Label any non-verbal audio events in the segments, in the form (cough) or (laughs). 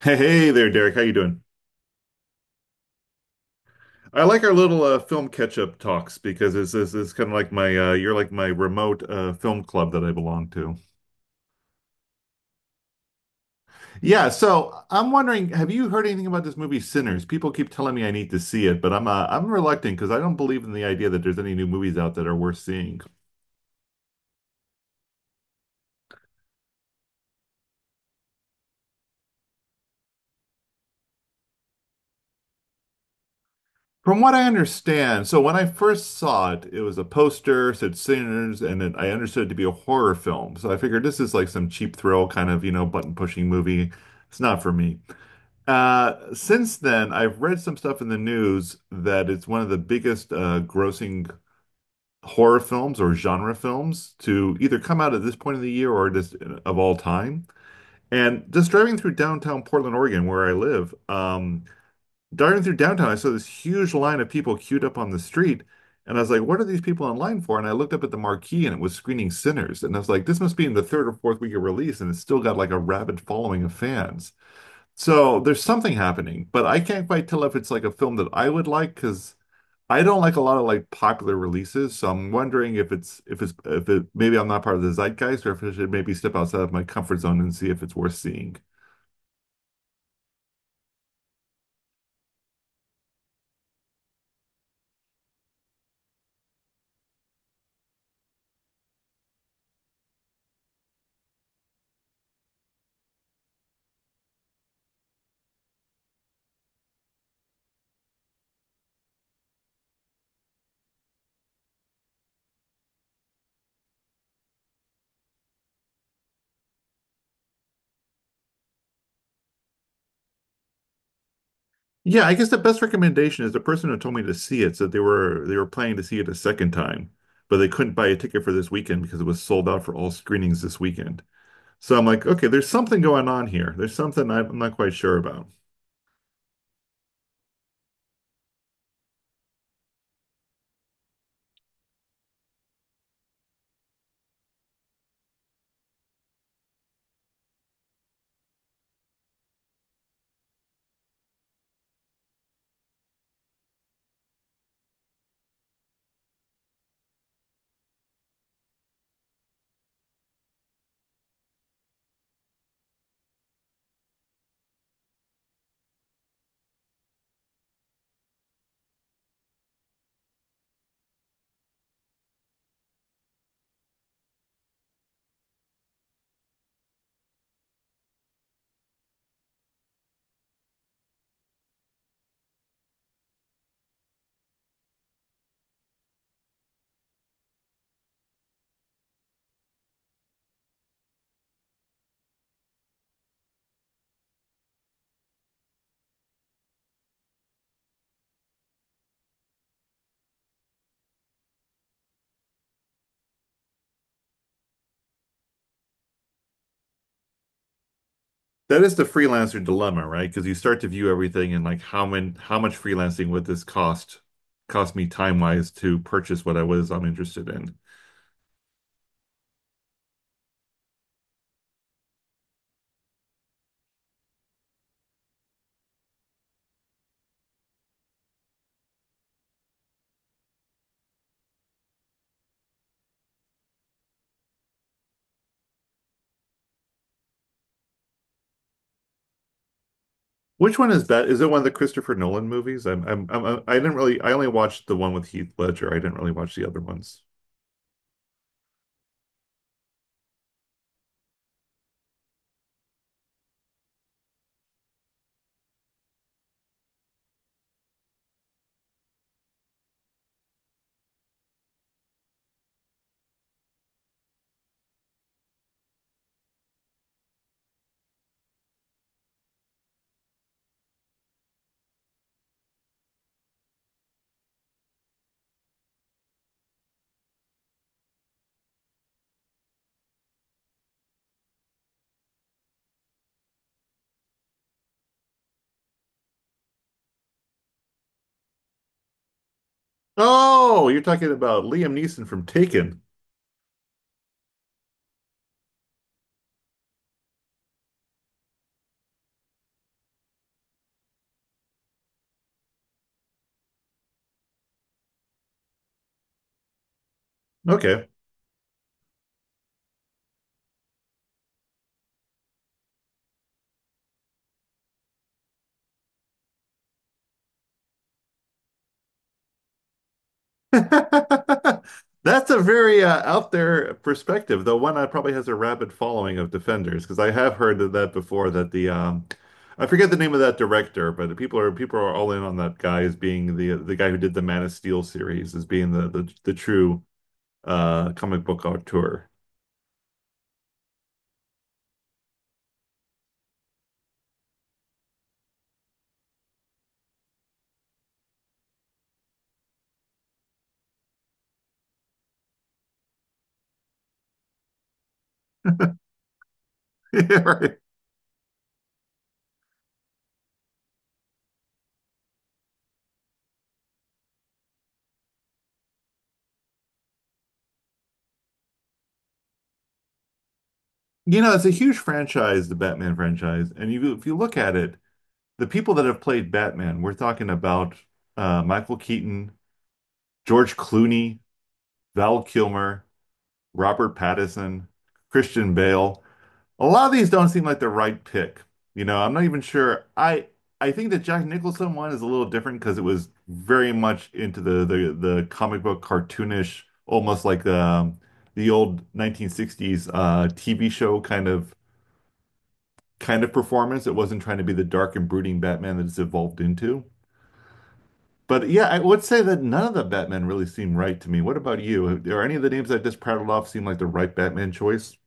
Hey, hey there, Derek. How you doing? I like our little film catch-up talks because it's kind of like my you're like my remote film club that I belong to. Yeah, so I'm wondering, have you heard anything about this movie Sinners? People keep telling me I need to see it, but I'm reluctant because I don't believe in the idea that there's any new movies out that are worth seeing. From what I understand, so when I first saw it, it was a poster, said Sinners, and then I understood it to be a horror film. So I figured this is like some cheap thrill kind of, you know, button pushing movie. It's not for me. Since then, I've read some stuff in the news that it's one of the biggest grossing horror films or genre films to either come out at this point of the year or just of all time. And just driving through downtown Portland, Oregon, where I live, driving through downtown, I saw this huge line of people queued up on the street. And I was like, what are these people in line for? And I looked up at the marquee and it was screening Sinners. And I was like, this must be in the third or fourth week of release. And it's still got like a rabid following of fans. So there's something happening, but I can't quite tell if it's like a film that I would like because I don't like a lot of like popular releases. So I'm wondering if it's if it maybe I'm not part of the zeitgeist or if I should maybe step outside of my comfort zone and see if it's worth seeing. Yeah, I guess the best recommendation is the person who told me to see it said they were planning to see it a second time, but they couldn't buy a ticket for this weekend because it was sold out for all screenings this weekend. So I'm like, okay, there's something going on here. There's something I'm not quite sure about. That is the freelancer dilemma, right? Because you start to view everything and like how many, how much freelancing would this cost me time wise to purchase what I'm interested in. Which one is that? Is it one of the Christopher Nolan movies? I didn't really I only watched the one with Heath Ledger. I didn't really watch the other ones. Oh, you're talking about Liam Neeson from Taken. Okay. (laughs) That's a very out there perspective, though one that probably has a rabid following of defenders, because I have heard of that before that the I forget the name of that director, but people are all in on that guy as being the guy who did the Man of Steel series as being the true comic book auteur. (laughs) Right. You know, it's a huge franchise, the Batman franchise, and you if you look at it, the people that have played Batman, we're talking about Michael Keaton, George Clooney, Val Kilmer, Robert Pattinson, Christian Bale. A lot of these don't seem like the right pick. You know, I'm not even sure. I think the Jack Nicholson one is a little different because it was very much into the comic book cartoonish, almost like the old 1960s TV show kind of performance. It wasn't trying to be the dark and brooding Batman that it's evolved into. But yeah, I would say that none of the Batman really seem right to me. What about you? Are any of the names I just prattled off seem like the right Batman choice? (laughs)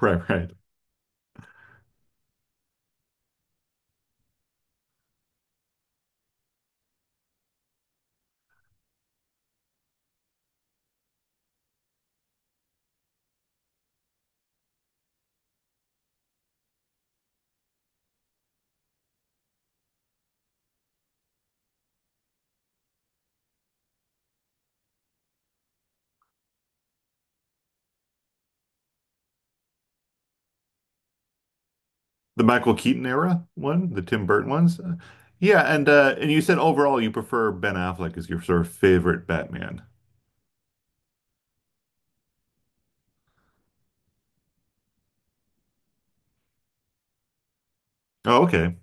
Right, right. The Michael Keaton era one, the Tim Burton ones. Yeah, and you said overall you prefer Ben Affleck as your sort of favorite Batman. Oh, okay.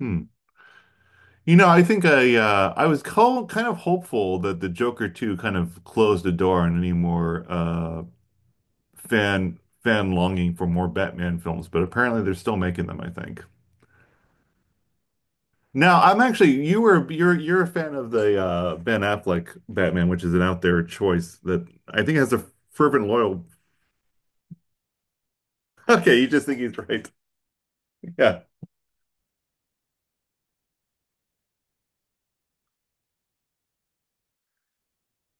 Hmm. You know, I think I was co kind of hopeful that the Joker 2 kind of closed the door on any more fan longing for more Batman films, but apparently they're still making them, I think. Now, I'm actually you were you're a fan of the Ben Affleck Batman, which is an out there choice that I think has a fervent loyal. (laughs) Okay, you just think he's right. (laughs) Yeah.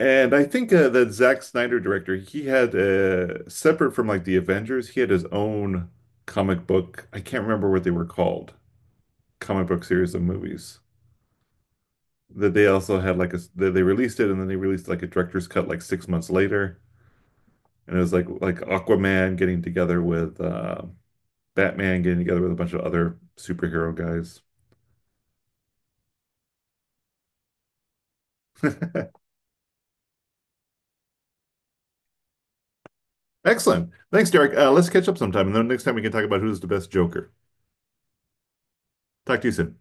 And I think the Zack Snyder director, he had separate from like the Avengers, he had his own comic book. I can't remember what they were called. Comic book series of movies. That they also had like a that they released it and then they released like a director's cut like 6 months later. And it was like Aquaman getting together with Batman getting together with a bunch of other superhero guys. (laughs) Excellent. Thanks, Derek. Let's catch up sometime, and then next time we can talk about who's the best Joker. Talk to you soon.